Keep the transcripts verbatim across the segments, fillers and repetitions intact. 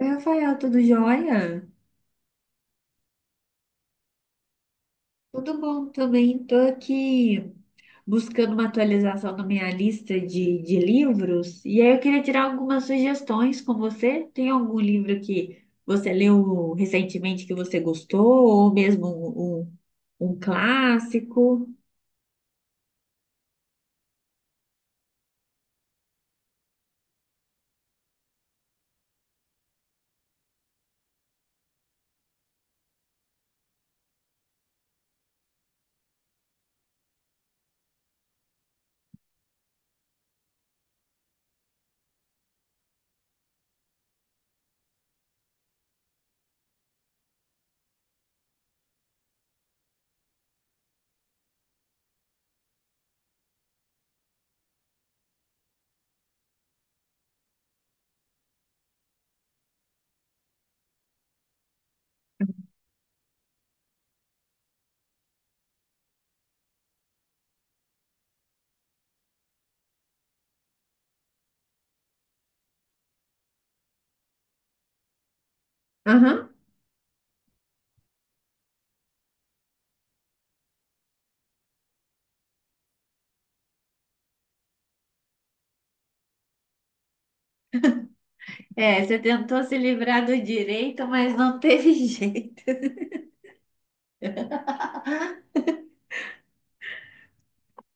Oi, Rafael, tudo jóia? Tudo bom também. Estou aqui buscando uma atualização na minha lista de, de livros. E aí eu queria tirar algumas sugestões com você. Tem algum livro que você leu recentemente que você gostou? Ou mesmo um, um, um clássico? Aham. É, você tentou se livrar do direito, mas não teve jeito.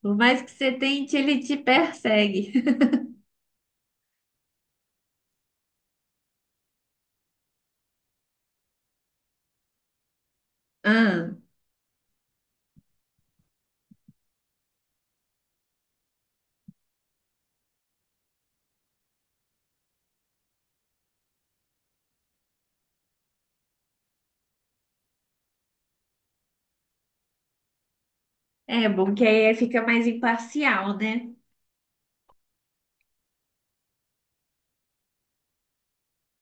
Por mais que você tente, ele te persegue. Ah, é bom que aí fica mais imparcial, né?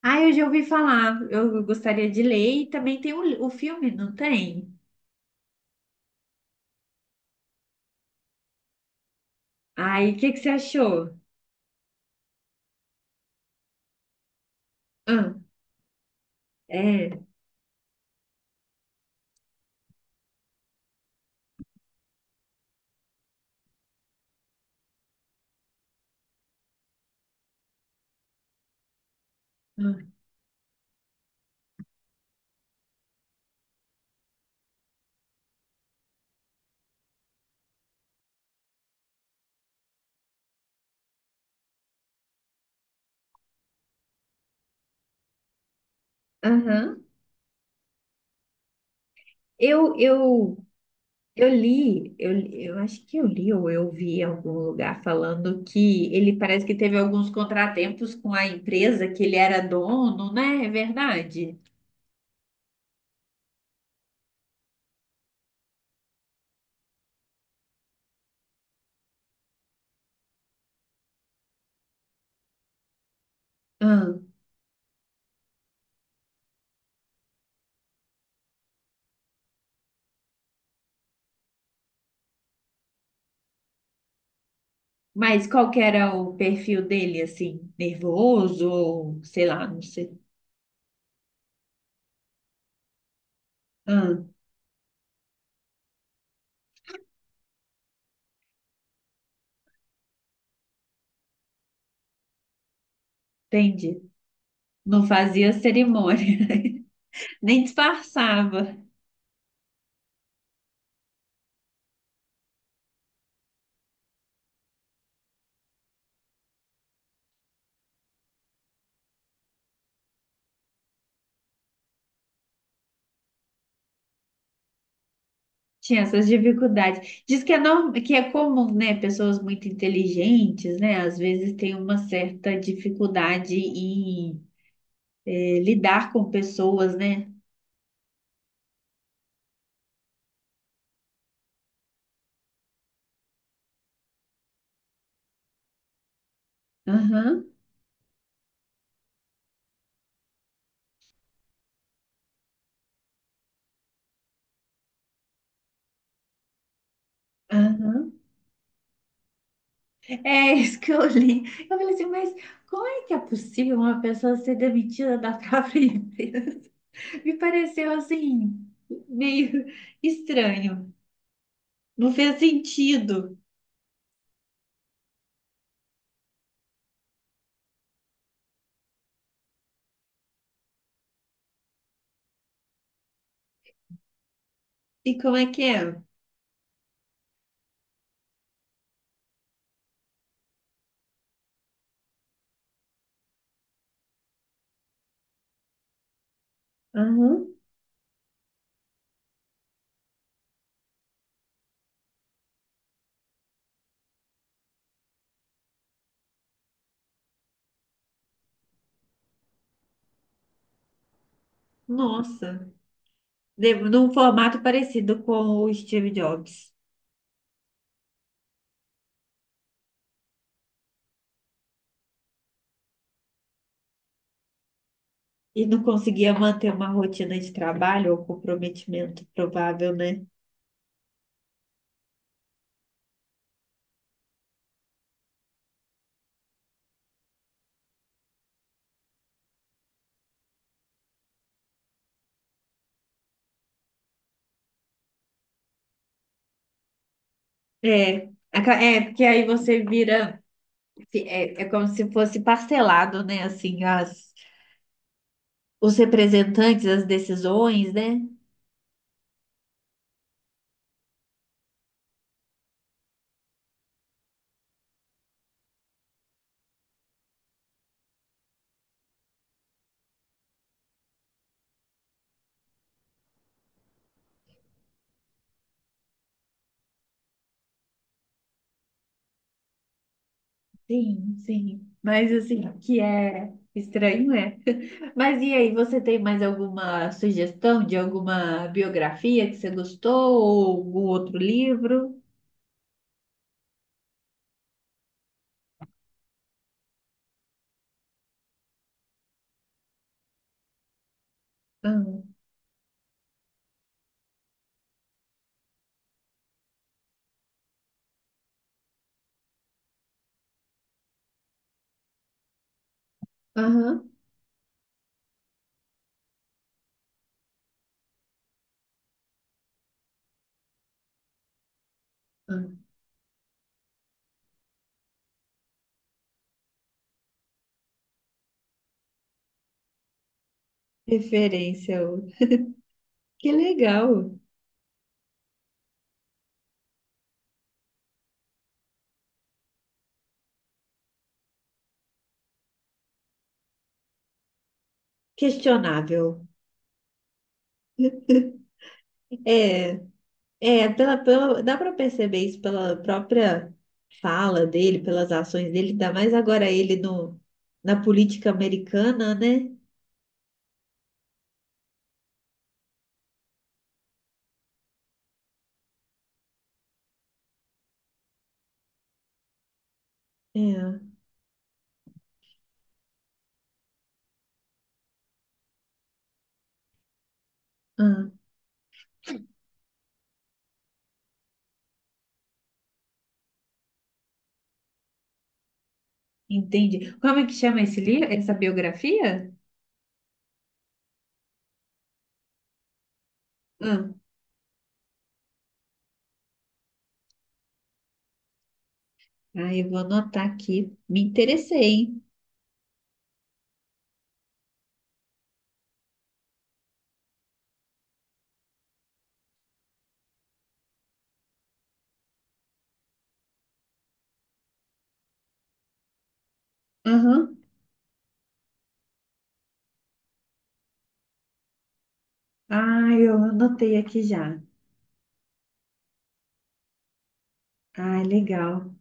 Ah, eu já ouvi falar. Eu gostaria de ler e também tem o, o filme, não tem? Ai, o que que você achou? Ah, é. Ah. Aham. Eu, eu, eu li, eu, eu acho que eu li ou eu vi em algum lugar falando que ele parece que teve alguns contratempos com a empresa que ele era dono, né? É verdade. Ah, mas qual que era o perfil dele, assim? Nervoso ou sei lá, não sei. Ah, entendi. Não fazia cerimônia. Nem disfarçava. Tinha essas dificuldades. Diz que é, norm- que é comum, né? Pessoas muito inteligentes, né? Às vezes tem uma certa dificuldade em eh, lidar com pessoas, né? Aham, aham. É isso que eu li. Eu falei assim, mas como é que é possível uma pessoa ser demitida da própria empresa? Me pareceu assim, meio estranho. Não fez sentido. E como é que é? Aham. Nossa. De- num formato parecido com o Steve Jobs. E não conseguia manter uma rotina de trabalho ou comprometimento provável, né? É, aca- é porque aí você vira, é, é como se fosse parcelado, né? Assim, as, os representantes, as decisões, né? Sim, sim. Mas assim, o que é estranho, é. Mas e aí, você tem mais alguma sugestão de alguma biografia que você gostou ou algum outro livro? Hum. Aham. Ah, referência outra. Que legal. Questionável. É, é pela, pela, dá para perceber isso pela própria fala dele, pelas ações dele, ainda mais agora ele no, na política americana, né? É. Ah, entendi. Como é que chama esse livro, essa biografia? Ah, ah, eu vou anotar aqui. Me interessei, hein? Aham. Ah, eu anotei aqui já. Ah, legal.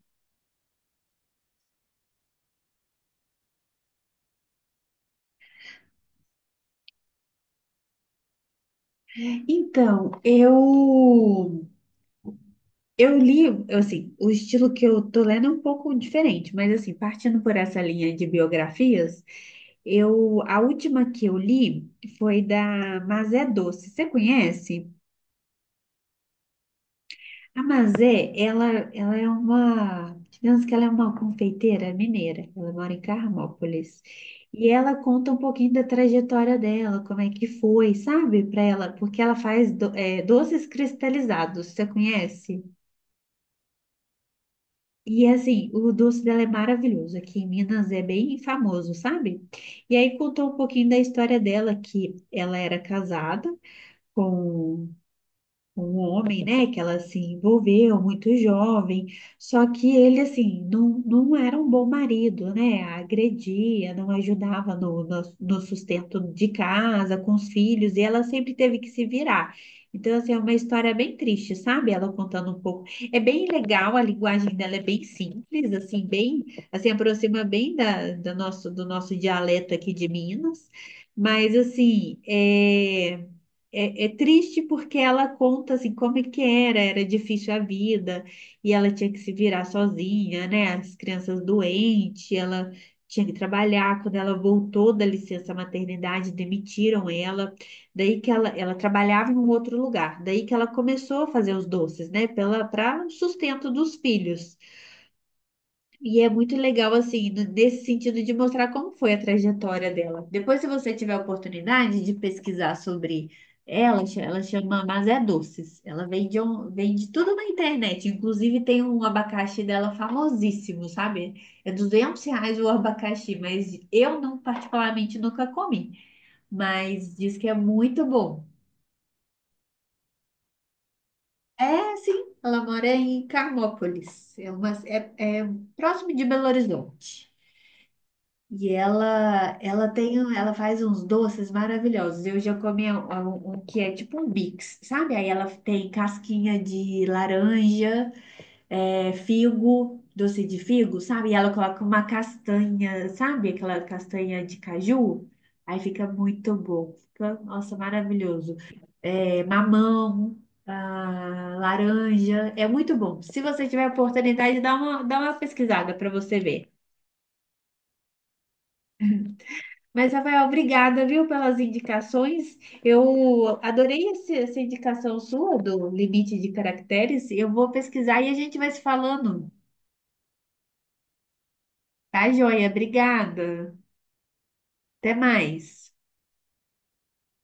Então, eu Eu li, assim, o estilo que eu tô lendo é um pouco diferente, mas assim, partindo por essa linha de biografias, eu a última que eu li foi da Mazé Doce. Você conhece? A Mazé, ela, ela é uma, digamos que ela é uma confeiteira mineira. Ela mora em Carmópolis. E ela conta um pouquinho da trajetória dela, como é que foi, sabe, para ela, porque ela faz do- eh, doces cristalizados. Você conhece? E assim, o doce dela é maravilhoso. Aqui em Minas é bem famoso, sabe? E aí contou um pouquinho da história dela, que ela era casada com um homem, né, que ela se envolveu muito jovem, só que ele, assim, não, não era um bom marido, né, agredia, não ajudava no, no, no sustento de casa, com os filhos, e ela sempre teve que se virar. Então, assim, é uma história bem triste, sabe? Ela contando um pouco. É bem legal, a linguagem dela é bem simples, assim, bem, assim, aproxima bem da, do nosso, do nosso dialeto aqui de Minas. Mas, assim, é é, é triste porque ela conta assim como é que era, era difícil a vida e ela tinha que se virar sozinha, né? As crianças doentes, ela tinha que trabalhar. Quando ela voltou da licença maternidade, demitiram ela. Daí que ela, ela trabalhava em um outro lugar. Daí que ela começou a fazer os doces, né? Pela, para o sustento dos filhos. E é muito legal, assim, no- nesse sentido de mostrar como foi a trajetória dela. Depois, se você tiver a oportunidade de pesquisar sobre ela, cha- ela chama Mazé Doces. Ela vende, um, vende tudo na internet. Inclusive, tem um abacaxi dela famosíssimo, sabe? É duzentos reais o abacaxi, mas eu não, particularmente, nunca comi. Mas diz que é muito bom. É, sim, ela mora em Carmópolis. É, uma, é é próximo de Belo Horizonte. E ela, ela tem, um- ela faz uns doces maravilhosos. Eu já comi um, um- um que é tipo um Bix, sabe? Aí ela tem casquinha de laranja, é, figo, doce de figo, sabe? E ela coloca uma castanha, sabe? Aquela castanha de caju. Aí fica muito bom. Fica, nossa, maravilhoso. É, mamão, ah, laranja. É muito bom. Se você tiver a oportunidade, dá uma, dá uma pesquisada para você ver. Mas, Rafael, obrigada, viu, pelas indicações. Eu adorei esse- essa indicação sua do Limite de Caracteres. Eu vou pesquisar e a gente vai se falando. Tá, joia? Obrigada. Até mais.